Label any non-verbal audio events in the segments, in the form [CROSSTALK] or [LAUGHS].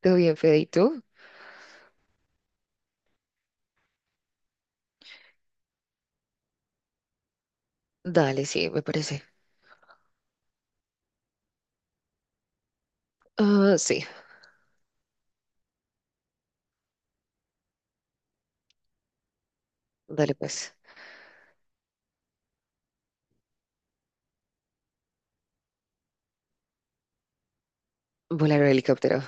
¿Todo bien, Fede? ¿Y tú? Dale, sí, me parece. Ah, sí, dale pues. Volar en helicóptero.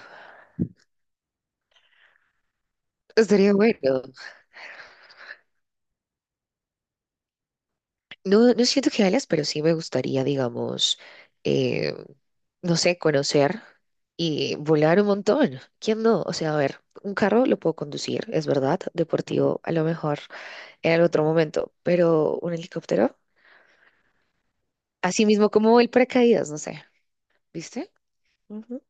Estaría bueno. No, no siento que alas, pero sí me gustaría, digamos, eh, no sé, conocer y volar un montón. ¿Quién no? O sea, a ver, un carro lo puedo conducir, es verdad, deportivo, a lo mejor en el otro momento, pero un helicóptero, así mismo como el paracaídas, no sé, ¿viste? Ujú,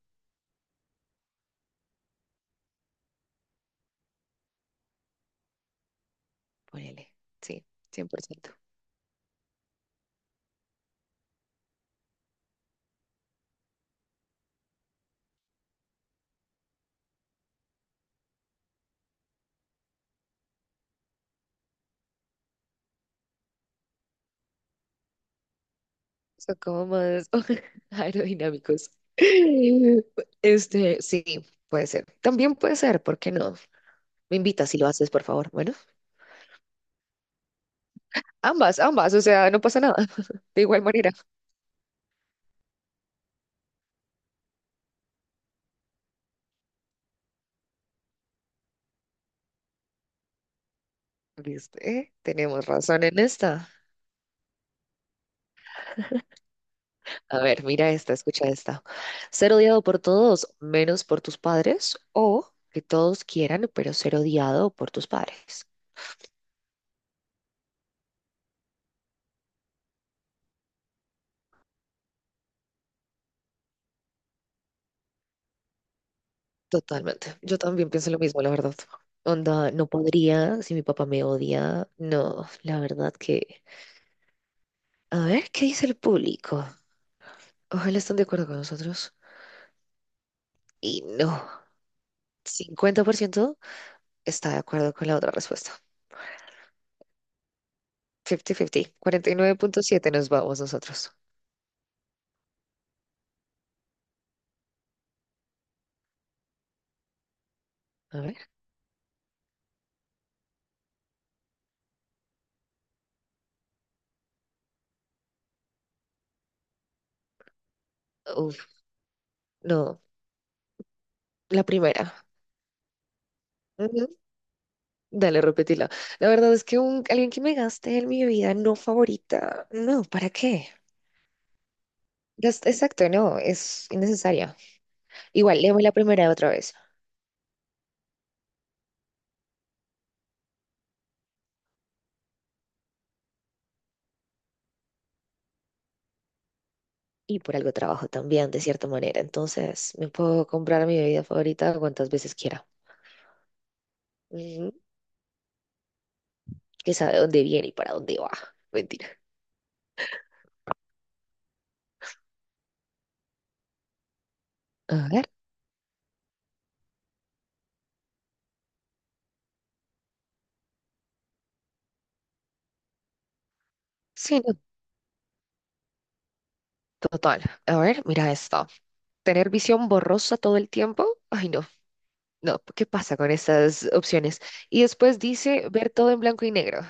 Ponele, sí, 100%. Son como más [LAUGHS] aerodinámicos. Este, sí, puede ser. También puede ser, ¿por qué no? Me invitas si lo haces, por favor. Bueno, ambas, ambas, o sea, no pasa nada. [LAUGHS] De igual manera. ¿Viste? Tenemos razón en esta. A ver, mira esta, escucha esta. Ser odiado por todos, menos por tus padres, o que todos quieran, pero ser odiado por tus padres. Totalmente. Yo también pienso lo mismo, la verdad. Onda, no podría, si mi papá me odia, no, la verdad que... A ver, ¿qué dice el público? Ojalá estén de acuerdo con nosotros. Y no, 50% está de acuerdo con la otra respuesta. 50-50. 49,7 nos vamos nosotros. A ver, uf, no, la primera. Ujú. Dale, repetila. La verdad es que alguien que me gaste en mi vida no favorita, no, ¿para qué? Exacto, no, es innecesaria. Igual, léeme la primera otra vez. Y por algo trabajo también, de cierta manera. Entonces, me puedo comprar mi bebida favorita cuantas veces quiera. Ujú, que sabe dónde viene y para dónde va. Mentira. A ver. Sí, no, total. A ver, mira esto. ¿Tener visión borrosa todo el tiempo? Ay, no. No, ¿qué pasa con estas opciones? Y después dice ver todo en blanco y negro.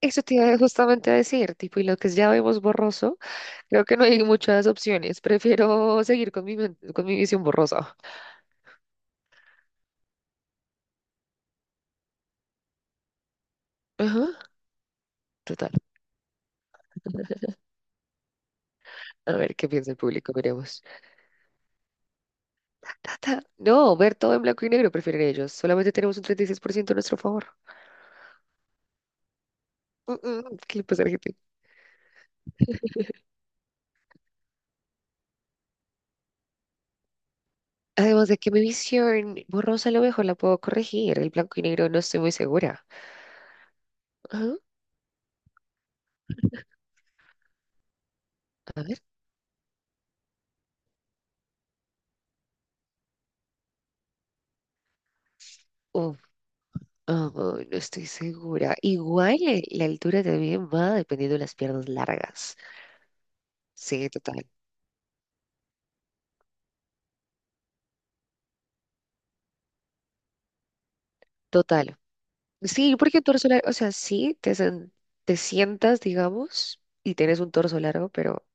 Eso te iba justamente a decir, tipo, y lo que ya vemos borroso, creo que no hay muchas opciones. Prefiero seguir con con mi visión borrosa. Ajá. Total. A ver qué piensa el público, veremos. Ta, ta, ta. No, ver todo en blanco y negro, prefieren ellos. Solamente tenemos un 36% a nuestro favor. Mm, mm, mm, ¿qué le pasa a la gente? Además de que mi visión borrosa a lo mejor la puedo corregir. El blanco y negro no estoy muy segura. Ajá, a ver. Uf, ah, no estoy segura. Igual la altura también va dependiendo de las piernas largas. Sí, total. Total. Sí, porque el torso largo, o sea, sí, te sientas, digamos, y tienes un torso largo, pero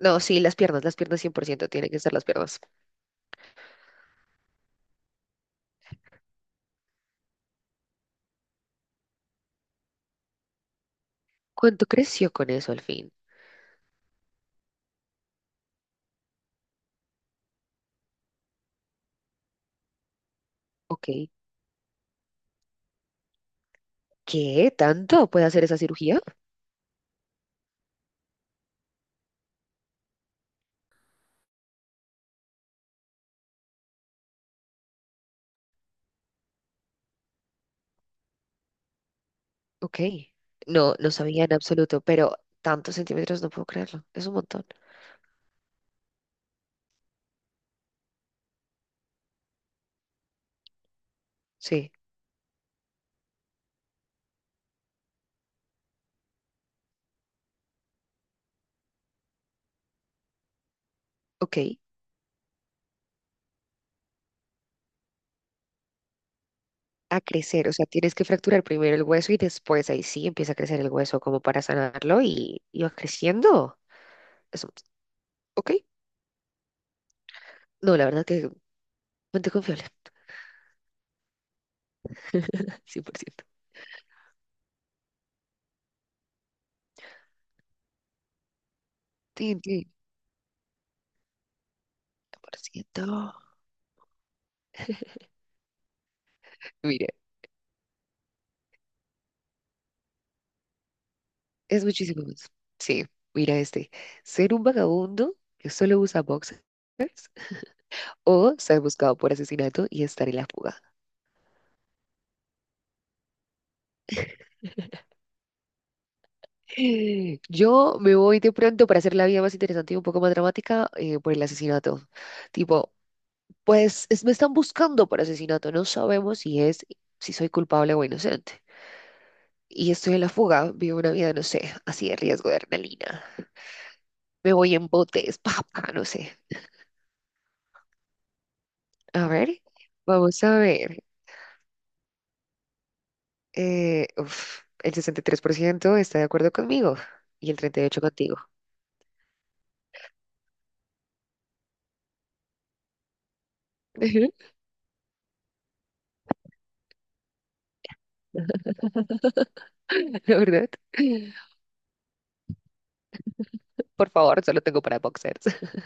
no, sí, las piernas 100%, tienen que ser las piernas. ¿Cuánto creció con eso al fin? Ok. ¿Qué? ¿Tanto puede hacer esa cirugía? Ok. No, no sabía en absoluto, pero tantos centímetros no puedo creerlo. Es un montón. Sí, ok. A crecer, o sea, tienes que fracturar primero el hueso y después ahí sí empieza a crecer el hueso como para sanarlo y va creciendo. Es un- Ok. No, la verdad que mente confiable. [LAUGHS] 100%. Tin, tin, 100%. Mira. Es muchísimo más. Sí, mira este. Ser un vagabundo que solo usa boxer o ser buscado por asesinato y estar en la fuga. [LAUGHS] Yo me voy de pronto para hacer la vida más interesante y un poco más dramática por el asesinato. Tipo, pues me están buscando por asesinato. No sabemos si soy culpable o inocente. Y estoy en la fuga, vivo una vida, no sé, así de riesgo de adrenalina. Me voy en botes, [LAUGHS] papá, no sé. A ver, vamos a ver. Uf, el 63% está de acuerdo conmigo y el 38% contigo. [LAUGHS] La verdad. Por favor, solo tengo para boxers. [LAUGHS]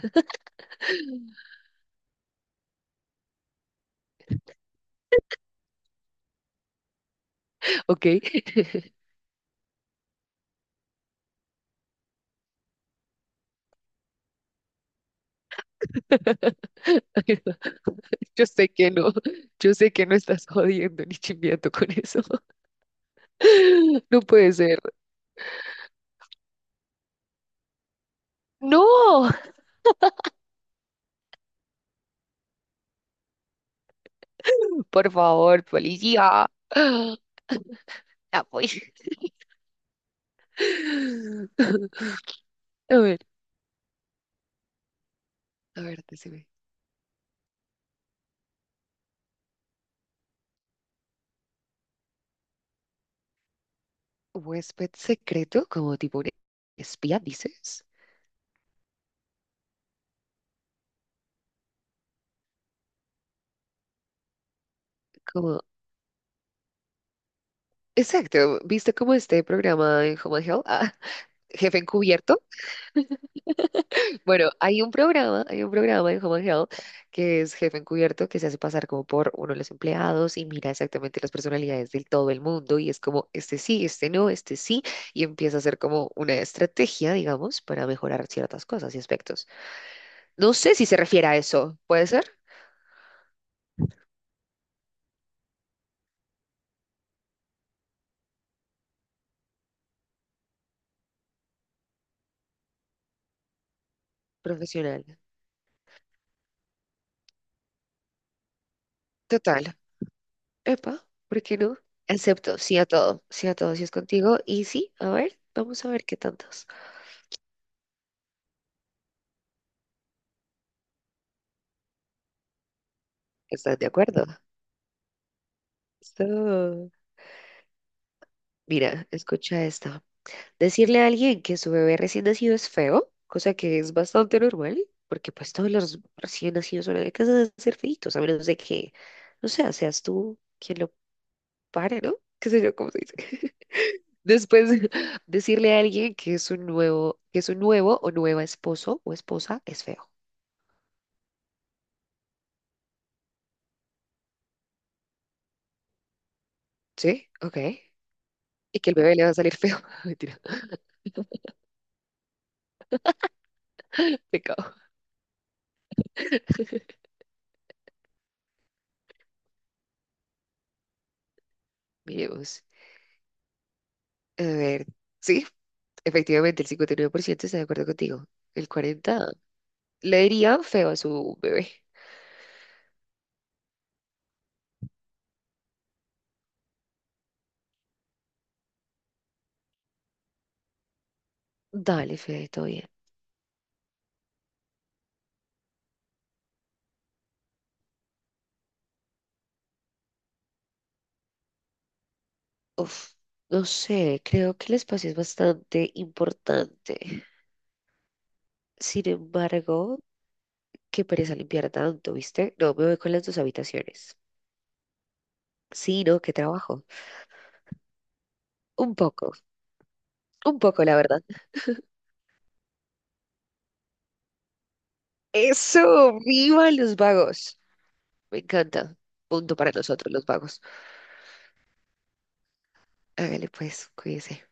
¿Ok? [LAUGHS] Yo sé que no. Yo sé que no estás jodiendo ni chimbiando con eso. [LAUGHS] No puede ser. ¡No! [LAUGHS] Por favor, policía. [GASPS] Ah, voy. [LAUGHS] A ver, a ver, decime. ¿Huésped secreto? Como tipo un espía, dices. Como Exacto, ¿viste como este programa en Home and Health? Ah, [LAUGHS] Jefe Encubierto. Bueno, hay un programa en Home and Health que es Jefe Encubierto que se hace pasar como por uno de los empleados y mira exactamente las personalidades de todo el mundo y es como este sí, este no, este sí y empieza a hacer como una estrategia, digamos, para mejorar ciertas cosas y aspectos. No sé si se refiere a eso, ¿puede ser? Profesional. Total. Epa, ¿por qué no? Acepto, sí a todo, si es contigo y sí, a ver, vamos a ver qué tanto. ¿Estás de acuerdo? So, mira, escucha esta. Decirle a alguien que su bebé recién nacido es feo, cosa que es bastante normal, porque pues todos los recién nacidos son casos de ser feitos, a menos de que, no sé, seas tú quien lo pare, ¿no? ¿Qué sé yo cómo se dice? [LAUGHS] Después, [LAUGHS] decirle a alguien que es un nuevo o nueva esposo o esposa es feo. ¿Sí? Ok. Y que el bebé le va a salir feo. [LAUGHS] Mentira, pecado. [LAUGHS] Miremos. A ver, sí. Efectivamente, el 59% está de acuerdo contigo. El 40% le diría feo a su bebé. Dale, Fede, todo bien. Uf, no sé, creo que el espacio es bastante importante. Sin embargo, qué pereza limpiar tanto, ¿viste? No, me voy con las dos habitaciones. Sí, ¿no? Qué trabajo. Un poco, un poco, la verdad. ¡Eso! ¡Viva los vagos! Me encanta. Punto para nosotros, los vagos. Hágale pues, cuídese.